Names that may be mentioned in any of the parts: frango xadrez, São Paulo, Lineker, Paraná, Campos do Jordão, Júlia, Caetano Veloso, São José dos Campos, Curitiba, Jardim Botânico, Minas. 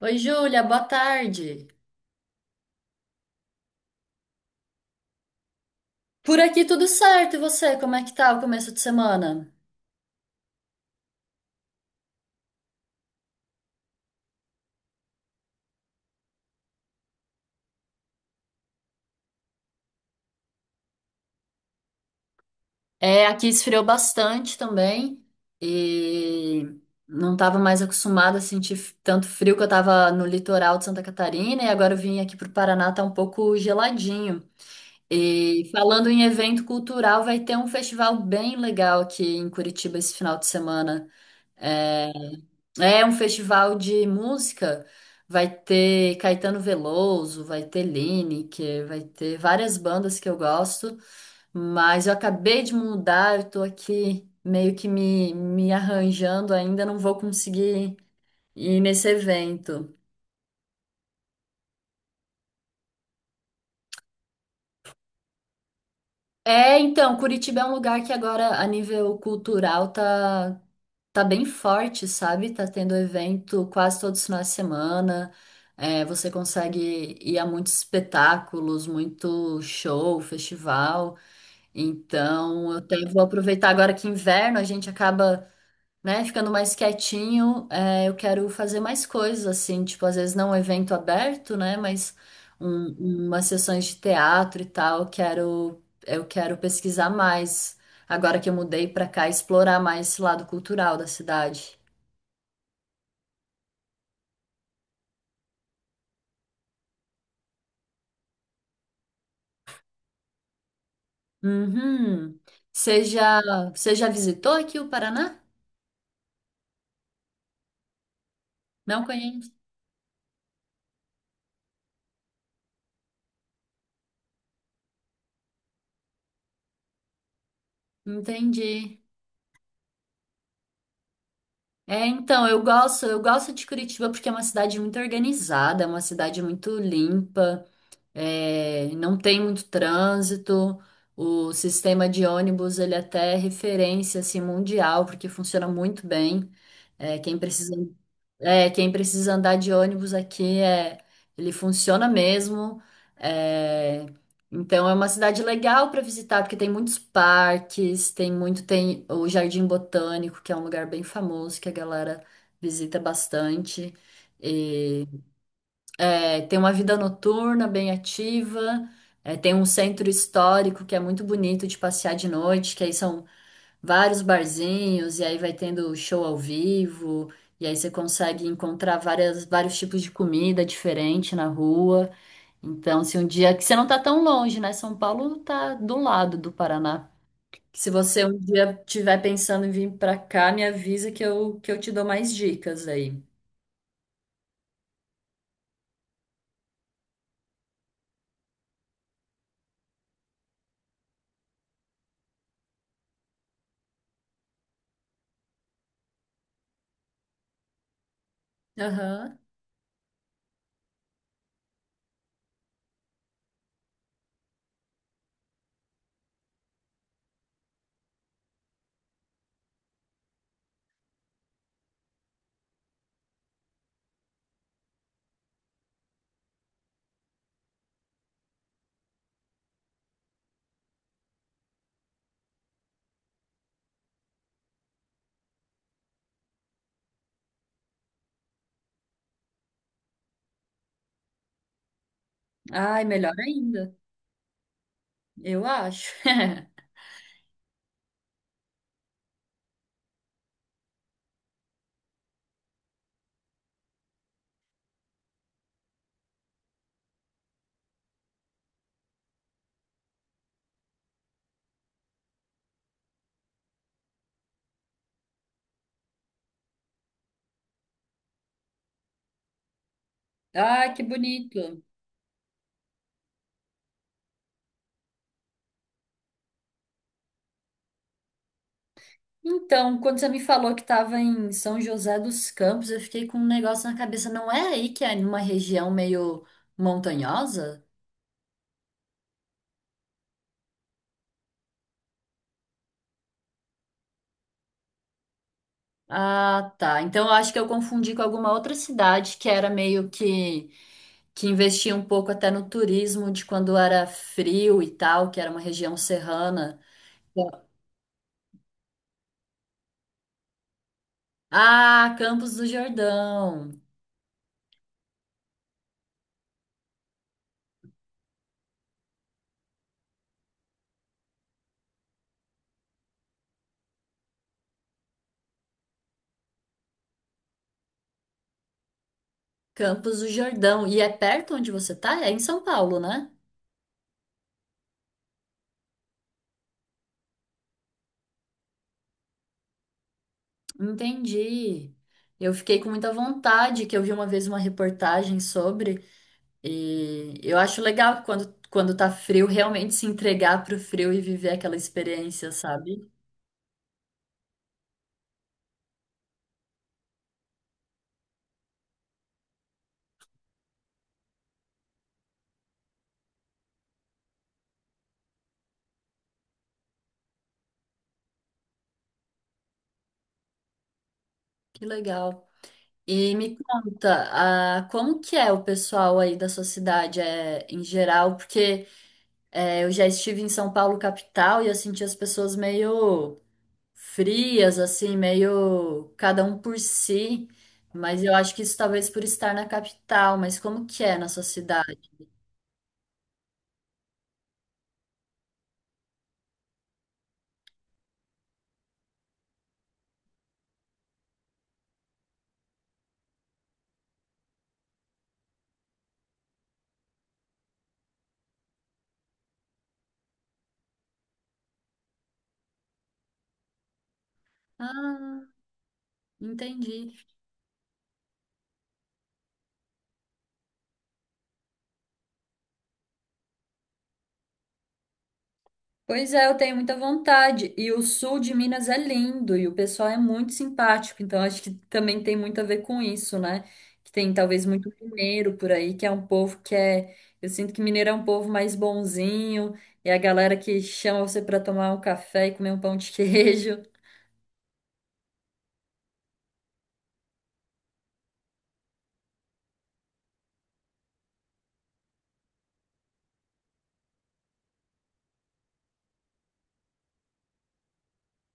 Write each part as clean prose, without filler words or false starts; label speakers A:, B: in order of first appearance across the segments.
A: Oi, Júlia, boa tarde. Por aqui tudo certo, e você? Como é que tá o começo de semana? É, aqui esfriou bastante também e não estava mais acostumada a sentir tanto frio que eu estava no litoral de Santa Catarina e agora eu vim aqui para o Paraná, tá um pouco geladinho. E falando em evento cultural, vai ter um festival bem legal aqui em Curitiba esse final de semana. É, é um festival de música. Vai ter Caetano Veloso, vai ter Lineker, vai ter várias bandas que eu gosto, mas eu acabei de mudar, eu tô aqui meio que me arranjando ainda, não vou conseguir ir nesse evento. É, então, Curitiba é um lugar que agora, a nível cultural, tá bem forte, sabe? Tá tendo evento quase todos os finais de semana. É, você consegue ir a muitos espetáculos, muito show, festival. Então, eu até vou aproveitar agora que inverno, a gente acaba, né, ficando mais quietinho, é, eu quero fazer mais coisas, assim, tipo, às vezes não um evento aberto, né? Mas umas sessões de teatro e tal, eu quero pesquisar mais. Agora que eu mudei pra cá, explorar mais esse lado cultural da cidade. Uhum. Você já, Você já visitou aqui o Paraná? Não conheço. Entendi. É, então, eu gosto de Curitiba porque é uma cidade muito organizada, é uma cidade muito limpa. É, não tem muito trânsito. O sistema de ônibus ele até é referência assim, mundial, porque funciona muito bem. É, quem precisa, quem precisa andar de ônibus aqui é, ele funciona mesmo. É, então é uma cidade legal para visitar, porque tem muitos parques, tem muito, tem o Jardim Botânico, que é um lugar bem famoso que a galera visita bastante. É, tem uma vida noturna bem ativa, é, tem um centro histórico que é muito bonito de passear de noite, que aí são vários barzinhos, e aí vai tendo show ao vivo, e aí você consegue encontrar vários tipos de comida diferente na rua. Então, se um dia que você não tá tão longe, né? São Paulo tá do lado do Paraná. Se você um dia tiver pensando em vir pra cá, me avisa que eu te dou mais dicas aí. Aham. Ai, melhor ainda, eu acho. Ah, que bonito. Então, quando você me falou que estava em São José dos Campos, eu fiquei com um negócio na cabeça. Não é aí que é numa região meio montanhosa? Ah, tá. Então, eu acho que eu confundi com alguma outra cidade que era meio que investia um pouco até no turismo de quando era frio e tal, que era uma região serrana. Ah, Campos do Jordão. Campos do Jordão. E é perto onde você tá? É em São Paulo, né? Entendi. Eu fiquei com muita vontade, que eu vi uma vez uma reportagem sobre, e eu acho legal quando tá frio, realmente se entregar pro frio e viver aquela experiência, sabe? Que legal. E me conta, ah, como que é o pessoal aí da sua cidade, é, em geral? Porque é, eu já estive em São Paulo, capital, e eu senti as pessoas meio frias, assim, meio cada um por si. Mas eu acho que isso talvez por estar na capital, mas como que é na sua cidade? Ah, entendi. Pois é, eu tenho muita vontade. E o sul de Minas é lindo e o pessoal é muito simpático, então acho que também tem muito a ver com isso, né? Que tem talvez muito mineiro por aí, que é um povo que é. Eu sinto que mineiro é um povo mais bonzinho, é a galera que chama você para tomar um café e comer um pão de queijo.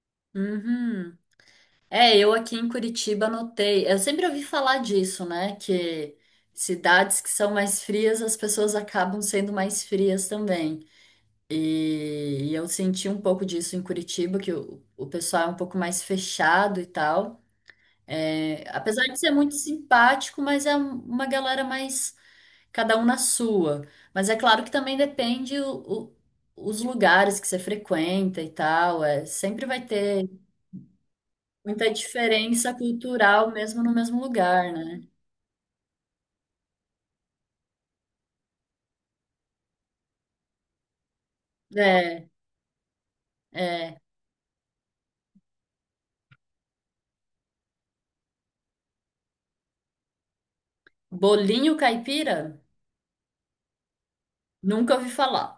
A: Uhum. É, eu aqui em Curitiba notei. Eu sempre ouvi falar disso, né? Que cidades que são mais frias, as pessoas acabam sendo mais frias também. E eu senti um pouco disso em Curitiba, que o pessoal é um pouco mais fechado e tal. É, apesar de ser muito simpático, mas é uma galera mais cada um na sua. Mas é claro que também depende os lugares que você frequenta e tal. É, sempre vai ter. Muita diferença cultural mesmo no mesmo lugar, né? É, é. Bolinho caipira? Nunca ouvi falar.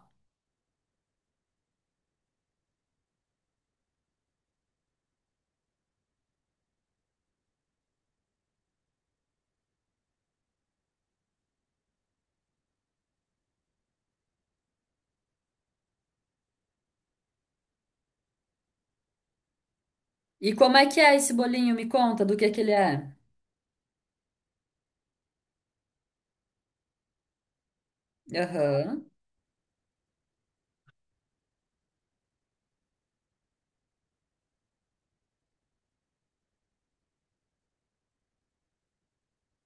A: E como é que é esse bolinho? Me conta do que ele é. Aham.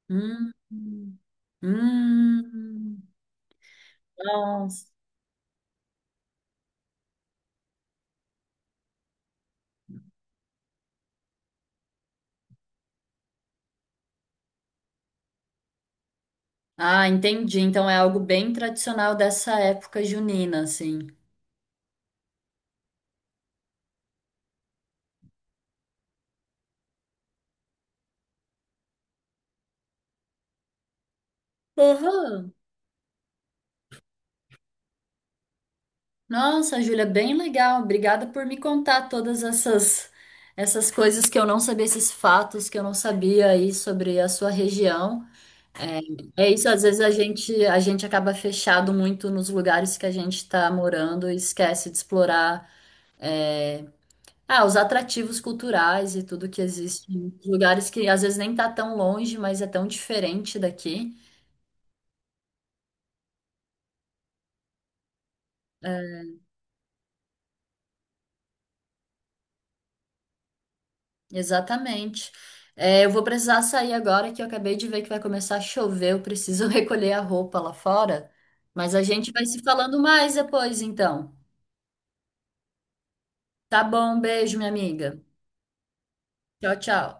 A: Hum. Hum. Nossa. Ah, entendi. Então é algo bem tradicional dessa época junina, assim. Aham. Nossa, Júlia, bem legal. Obrigada por me contar todas essas coisas que eu não sabia, esses fatos que eu não sabia aí sobre a sua região. É isso, às vezes a gente acaba fechado muito nos lugares que a gente está morando e esquece de explorar é, ah, os atrativos culturais e tudo que existe em lugares que às vezes nem tá tão longe, mas é tão diferente daqui. Exatamente. É, eu vou precisar sair agora que eu acabei de ver que vai começar a chover. Eu preciso recolher a roupa lá fora. Mas a gente vai se falando mais depois, então. Tá bom, beijo, minha amiga. Tchau, tchau.